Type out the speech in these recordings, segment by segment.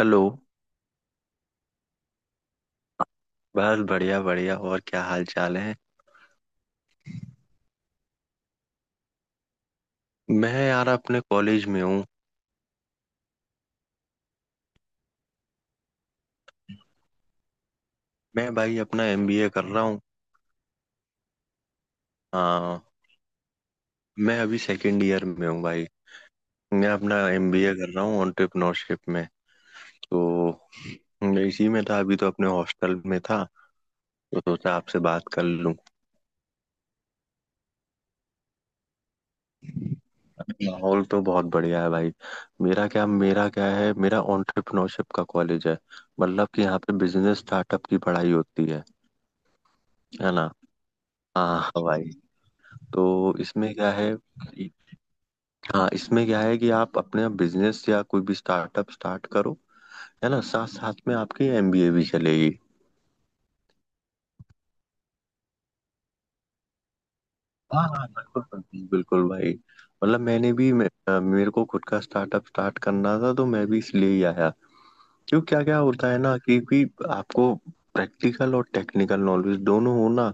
Hello. बस बढ़िया बढ़िया, और क्या हाल चाल है। मैं यार अपने कॉलेज में हूँ। मैं भाई अपना एमबीए कर रहा हूँ। हाँ, मैं अभी सेकंड ईयर में हूँ भाई। मैं अपना एमबीए कर रहा हूँ एंटरप्रेन्योरशिप में। तो मैं इसी में था, अभी तो अपने हॉस्टल में था, तो सोचा आपसे बात कर लूँ। माहौल तो बहुत बढ़िया है भाई। मेरा क्या है, मेरा एंटरप्रेन्योरशिप का कॉलेज है। मतलब कि यहाँ पे बिजनेस स्टार्टअप की पढ़ाई होती है ना। हाँ हाँ भाई। तो इसमें क्या है। हाँ, इसमें क्या है कि आप अपने बिजनेस या कोई भी स्टार्टअप स्टार्ट करो, है ना। साथ साथ में आपकी एमबीए भी चलेगी। हाँ हाँ, बिल्कुल बिल्कुल बिल्कुल भाई। मतलब मैंने भी मेरे को खुद का स्टार्टअप स्टार्ट करना था, तो मैं भी इसलिए ही आया। क्यों, क्या क्या होता है ना कि आपको प्रैक्टिकल और टेक्निकल नॉलेज दोनों हो ना,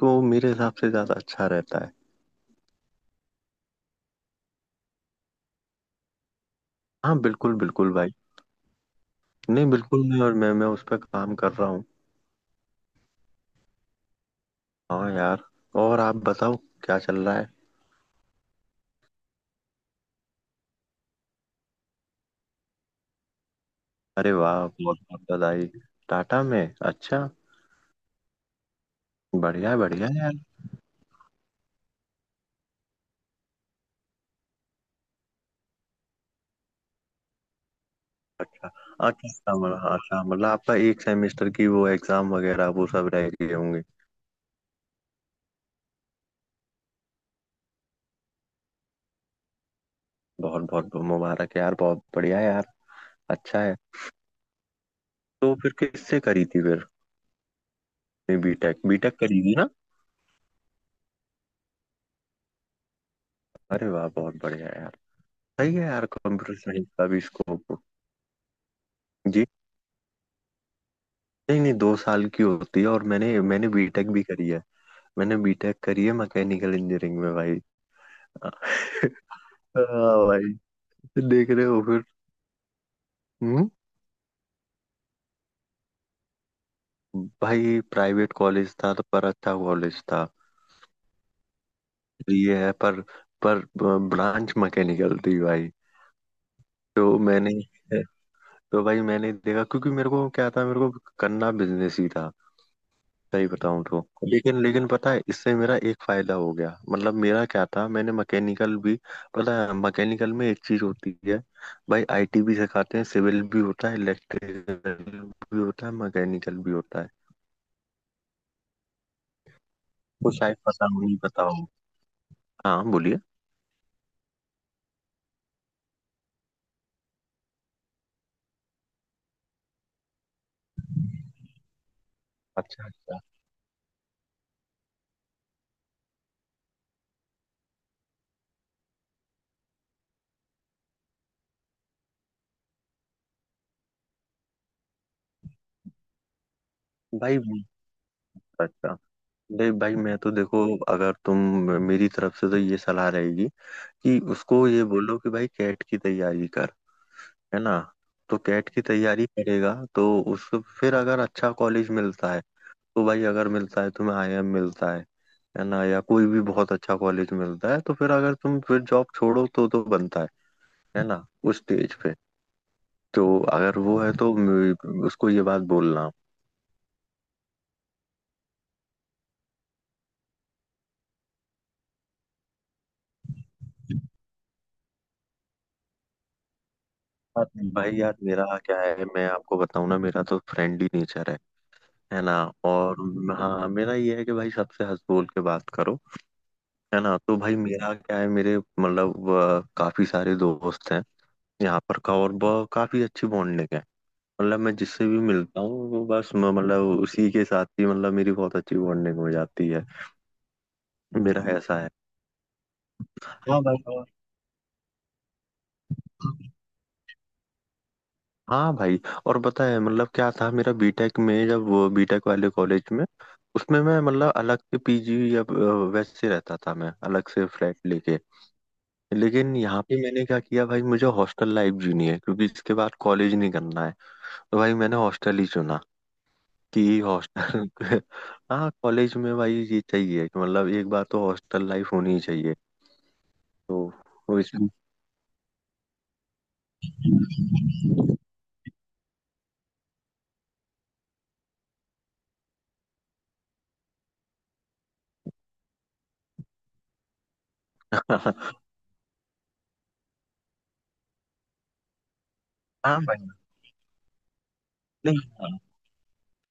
तो मेरे हिसाब से ज्यादा अच्छा रहता है। हाँ, बिल्कुल बिल्कुल भाई। नहीं, बिल्कुल नहीं, और मैं उस पर काम कर रहा हूँ। हाँ यार, और आप बताओ, क्या चल रहा है। अरे वाह, बहुत बहुत बधाई। टाटा में, अच्छा। बढ़िया बढ़िया यार। अच्छा अच्छा अच्छा, मतलब अच्छा, मतलब आपका एक सेमेस्टर की वो एग्जाम वगैरह वो सब रह गए होंगे। बहुत बहुत मुबारक यार, बहुत बढ़िया यार। अच्छा है। तो फिर किससे करी थी फिर, बीटेक बीटेक करी थी ना। अरे वाह, बहुत बढ़िया यार। सही है यार, कंप्यूटर साइंस का भी स्कोप। जी, नहीं नहीं, दो साल की होती है, और मैंने मैंने बीटेक भी करी है। मैंने बीटेक करी है मैकेनिकल इंजीनियरिंग में भाई। हाँ भाई, देख रहे हो फिर। हम्म। भाई प्राइवेट कॉलेज था तो, पर अच्छा कॉलेज था ये है। पर ब्रांच मैकेनिकल थी भाई। तो मैंने, तो भाई मैंने देखा क्योंकि मेरे को क्या था, मेरे को करना बिजनेस ही था, सही बताऊं तो। लेकिन लेकिन पता है इससे मेरा एक फायदा हो गया। मतलब मेरा क्या था, मैंने मैकेनिकल भी, पता है मैकेनिकल में एक चीज होती है भाई, आईटी भी सिखाते हैं, सिविल भी होता है, इलेक्ट्रिकल भी होता है, मैकेनिकल भी होता है। तो शायद पता हो, नहीं पता। हाँ बोलिए। अच्छा अच्छा भाई, अच्छा। नहीं भाई, मैं तो देखो, अगर तुम, मेरी तरफ से तो ये सलाह रहेगी कि उसको ये बोलो कि भाई कैट की तैयारी कर, है ना। तो कैट की तैयारी करेगा तो उसको फिर अगर अच्छा कॉलेज मिलता है, तो भाई अगर मिलता है तुम्हें आईआईएम मिलता है ना, या कोई भी बहुत अच्छा कॉलेज मिलता है, तो फिर अगर तुम फिर जॉब छोड़ो तो बनता है ना, उस स्टेज पे। तो अगर वो है तो उसको ये बात बोलना। यार, भाई यार मेरा क्या है, मैं आपको बताऊं ना, मेरा तो फ्रेंडली नेचर है ना। और हाँ मेरा ये है कि भाई सबसे हंस बोल के बात करो, है ना। तो भाई मेरा क्या है, मेरे मतलब काफी सारे दोस्त हैं यहाँ पर का, और काफी अच्छी बॉन्डिंग है। मतलब मैं जिससे भी मिलता हूँ वो बस मतलब उसी के साथ ही, मतलब मेरी बहुत अच्छी बॉन्डिंग हो जाती है। मेरा ऐसा है। हाँ भाई। और- हाँ भाई, और पता है मतलब क्या था, मेरा बीटेक में जब, बीटेक वाले कॉलेज में, उसमें मैं मतलब अलग से पीजी या वैसे रहता था, मैं अलग से फ्लैट लेके। लेकिन यहाँ पे मैंने क्या किया भाई, मुझे हॉस्टल लाइफ जीनी है क्योंकि इसके बाद कॉलेज नहीं करना है, तो भाई मैंने हॉस्टल ही चुना कि हॉस्टल। हाँ, कॉलेज में भाई ये चाहिए कि मतलब एक बार तो हॉस्टल लाइफ होनी चाहिए। तो वो इस। हाँ भाई। नहीं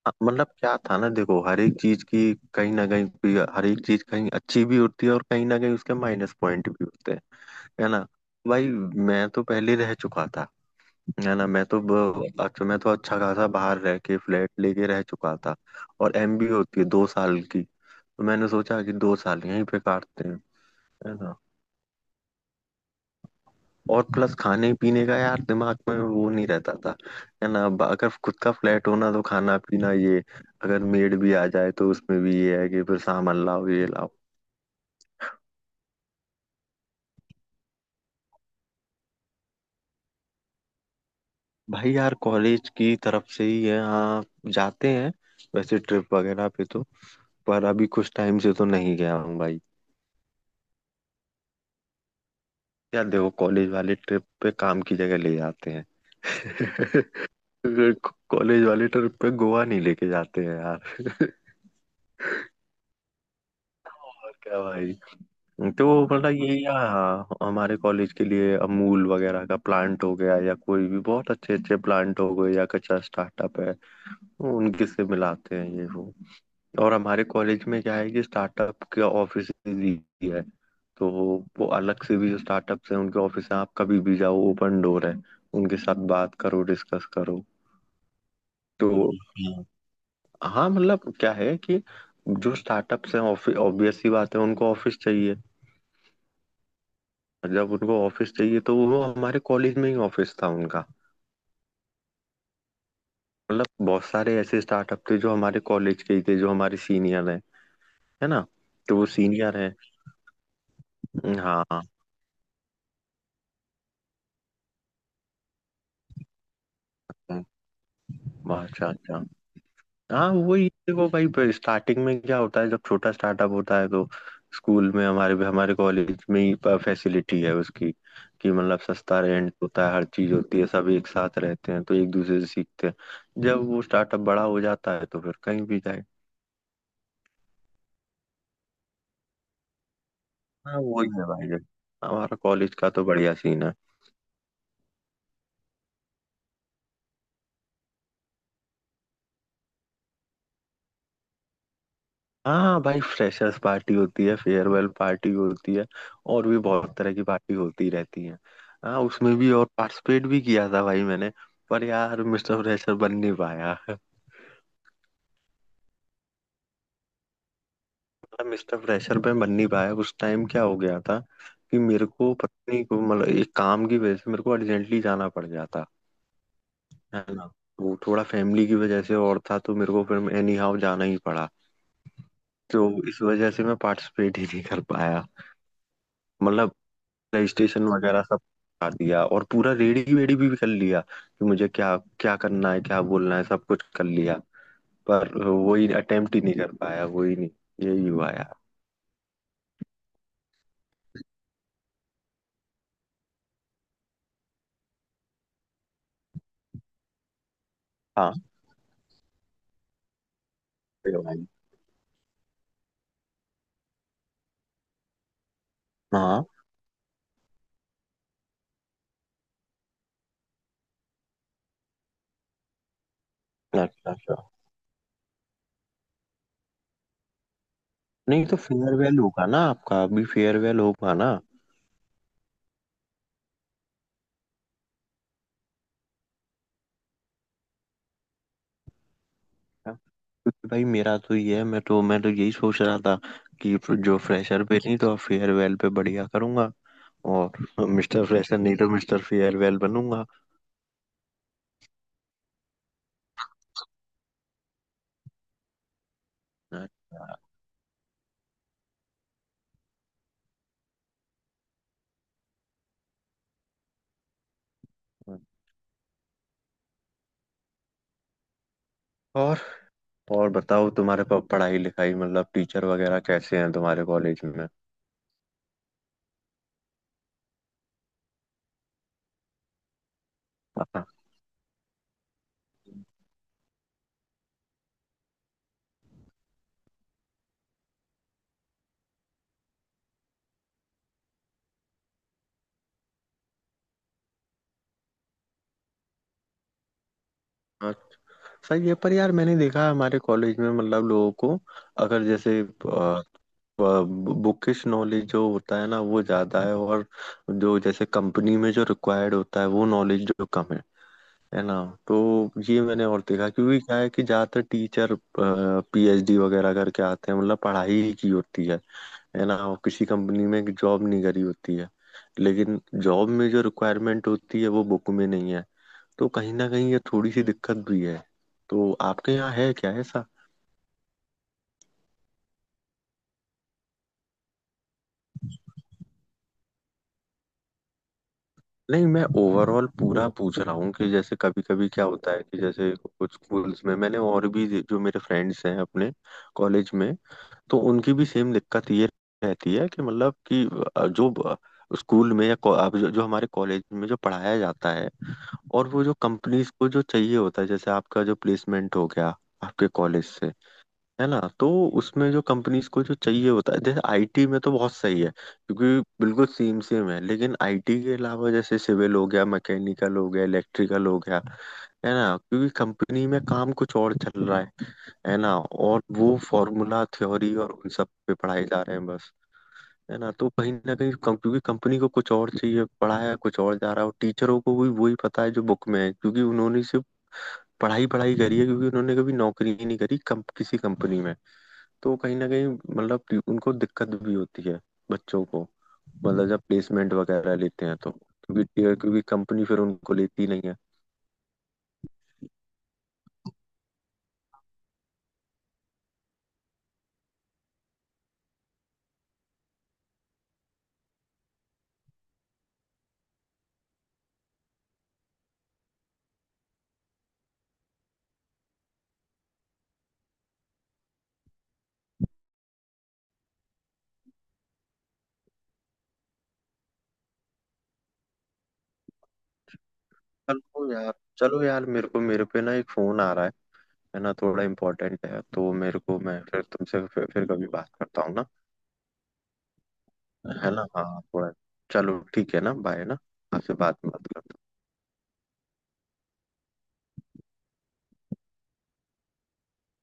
मतलब क्या था ना, देखो हर एक चीज की कहीं ना कहीं हर एक चीज कहीं अच्छी भी होती है और कहीं ना कहीं उसके माइनस पॉइंट भी होते हैं, है ना भाई। मैं तो पहले रह चुका था, है ना। मैं तो अच्छा, मैं तो अच्छा खासा बाहर रह के फ्लैट लेके रह चुका था, और एमबी होती है दो साल की, तो मैंने सोचा कि दो साल यहीं पे काटते हैं, है ना। और प्लस खाने पीने का यार दिमाग में वो नहीं रहता था, है ना। अब अगर खुद का फ्लैट होना तो खाना पीना ये, अगर मेड भी आ जाए तो उसमें भी ये है कि फिर सामान लाओ ये लाओ। भाई यार, कॉलेज की तरफ से ही है हाँ, जाते हैं वैसे ट्रिप वगैरह पे तो, पर अभी कुछ टाइम से तो नहीं गया हूँ भाई। यार देखो, कॉलेज वाले ट्रिप पे काम की जगह ले जाते हैं। कॉलेज वाले ट्रिप पे गोवा नहीं लेके जाते हैं यार। और क्या भाई। तो मतलब ये, या हमारे कॉलेज के लिए अमूल वगैरह का प्लांट हो गया, या कोई भी बहुत अच्छे अच्छे प्लांट हो गए, या कच्चा स्टार्टअप है वो, उनके से मिलाते हैं ये वो। और हमारे कॉलेज में क्या है कि स्टार्टअप के ऑफिस भी है। तो वो अलग से भी जो स्टार्टअप है उनके ऑफिस है, आप कभी भी जाओ, ओपन डोर है, उनके साथ बात करो, डिस्कस करो। तो हाँ हाँ, मतलब क्या है कि जो स्टार्टअप्स हैं, ऑब्वियस सी बात है उनको ऑफिस चाहिए। जब उनको ऑफिस चाहिए तो वो हमारे कॉलेज में ही ऑफिस था उनका। मतलब बहुत सारे ऐसे स्टार्टअप थे जो हमारे कॉलेज के ही थे, जो हमारे सीनियर हैं, है ना। तो वो सीनियर है। हाँ हाँ हाँ, अच्छा अच्छा। हाँ वही देखो भाई, स्टार्टिंग में क्या होता है जब छोटा स्टार्टअप होता है तो, स्कूल में हमारे हमारे कॉलेज में ही फैसिलिटी है उसकी, कि मतलब सस्ता रेंट होता है, हर चीज होती है, सब एक साथ रहते हैं तो एक दूसरे से सीखते हैं। जब वो स्टार्टअप बड़ा हो जाता है तो फिर कहीं भी जाए। हाँ वही है भाई, देखो हमारा कॉलेज का तो बढ़िया सीन है। हाँ भाई, फ्रेशर्स पार्टी होती है, फेयरवेल पार्टी होती है, और भी बहुत तरह की पार्टी होती रहती है। हाँ, उसमें भी और पार्टिसिपेट भी किया था भाई मैंने, पर यार मिस्टर फ्रेशर बन नहीं पाया। मतलब मिस्टर फ्रेशर पे बन नहीं पाया, उस टाइम क्या हो गया था कि मेरे को पत्नी को, मतलब एक काम की वजह से मेरे को अर्जेंटली जाना पड़ गया था, है ना। वो थोड़ा फैमिली की वजह से और था, तो मेरे को फिर एनी हाउ जाना ही पड़ा। तो इस वजह से मैं पार्टिसिपेट ही नहीं कर पाया। मतलब प्ले स्टेशन वगैरह सब खा दिया, और पूरा रेडी वेडी भी कर लिया कि मुझे क्या क्या करना है क्या बोलना है, सब कुछ कर लिया, पर वही अटेम्प्ट ही नहीं कर पाया, वही नहीं। यही हुआ यार। हाँ, ये भाई। हाँ, अच्छा अच्छा। नहीं तो फेयरवेल होगा ना आपका, अभी फेयरवेल होगा ना। क्योंकि भाई मेरा तो ये है, मैं तो यही सोच रहा था कि जो फ्रेशर पे नहीं तो फेयरवेल पे बढ़िया करूंगा, और मिस्टर फ्रेशर नहीं तो मिस्टर फेयरवेल बनूंगा। अच्छा। और और बताओ, तुम्हारे पास पढ़ाई लिखाई मतलब टीचर वगैरह कैसे हैं तुम्हारे कॉलेज में। हाँ, अच्छा। सही है, पर यार मैंने देखा है हमारे कॉलेज में मतलब लोगों को, अगर जैसे बुकिश नॉलेज जो होता है ना वो ज्यादा है, और जो जैसे कंपनी में जो रिक्वायर्ड होता है वो नॉलेज जो कम है ना। तो ये मैंने और देखा क्योंकि क्या है कि ज्यादातर टीचर पीएचडी वगैरह करके आते हैं, मतलब पढ़ाई ही की होती है ना, और किसी कंपनी में जॉब नहीं करी होती है। लेकिन जॉब में जो रिक्वायरमेंट होती है वो बुक में नहीं है, तो कहीं ना कहीं ये थोड़ी सी दिक्कत भी है। तो आपके यहाँ है क्या ऐसा। नहीं, मैं ओवरऑल पूरा पूछ रहा हूँ कि जैसे कभी कभी क्या होता है कि जैसे कुछ स्कूल्स में, मैंने और भी जो मेरे फ्रेंड्स हैं अपने कॉलेज में, तो उनकी भी सेम दिक्कत ये रहती है कि मतलब कि अ, जो ब- स्कूल में या अब जो हमारे कॉलेज में जो पढ़ाया जाता है, और वो जो कंपनीज को जो चाहिए होता है, जैसे आपका जो प्लेसमेंट हो गया आपके कॉलेज से, है ना, तो उसमें जो कंपनीज को जो चाहिए होता है, जैसे आईटी में तो बहुत सही है क्योंकि बिल्कुल सेम सेम है। लेकिन आईटी के अलावा जैसे सिविल हो गया, मैकेनिकल हो गया, इलेक्ट्रिकल हो गया, है ना, क्योंकि कंपनी में काम कुछ और चल रहा है ना, और वो फॉर्मूला थ्योरी और उन सब पे पढ़ाए जा रहे हैं बस, है ना। तो कहीं ना कहीं क्योंकि कंपनी को कुछ और चाहिए, पढ़ाया कुछ और जा रहा है, और टीचरों को भी वही पता है जो बुक में है, क्योंकि उन्होंने सिर्फ पढ़ाई पढ़ाई करी है, क्योंकि उन्होंने कभी नौकरी ही नहीं करी किसी कंपनी में। तो कहीं ना कहीं मतलब उनको दिक्कत भी होती है बच्चों को, मतलब जब प्लेसमेंट वगैरह लेते हैं तो क्योंकि, क्योंकि कंपनी फिर उनको लेती नहीं है। चलो यार, चलो यार, मेरे को मेरे पे ना एक फोन आ रहा है ना, थोड़ा इम्पोर्टेंट है तो मेरे को, मैं फिर तुमसे फिर कभी बात करता हूँ ना, है ना। हाँ थोड़ा, चलो ठीक है ना, बाय ना। आपसे बात बात।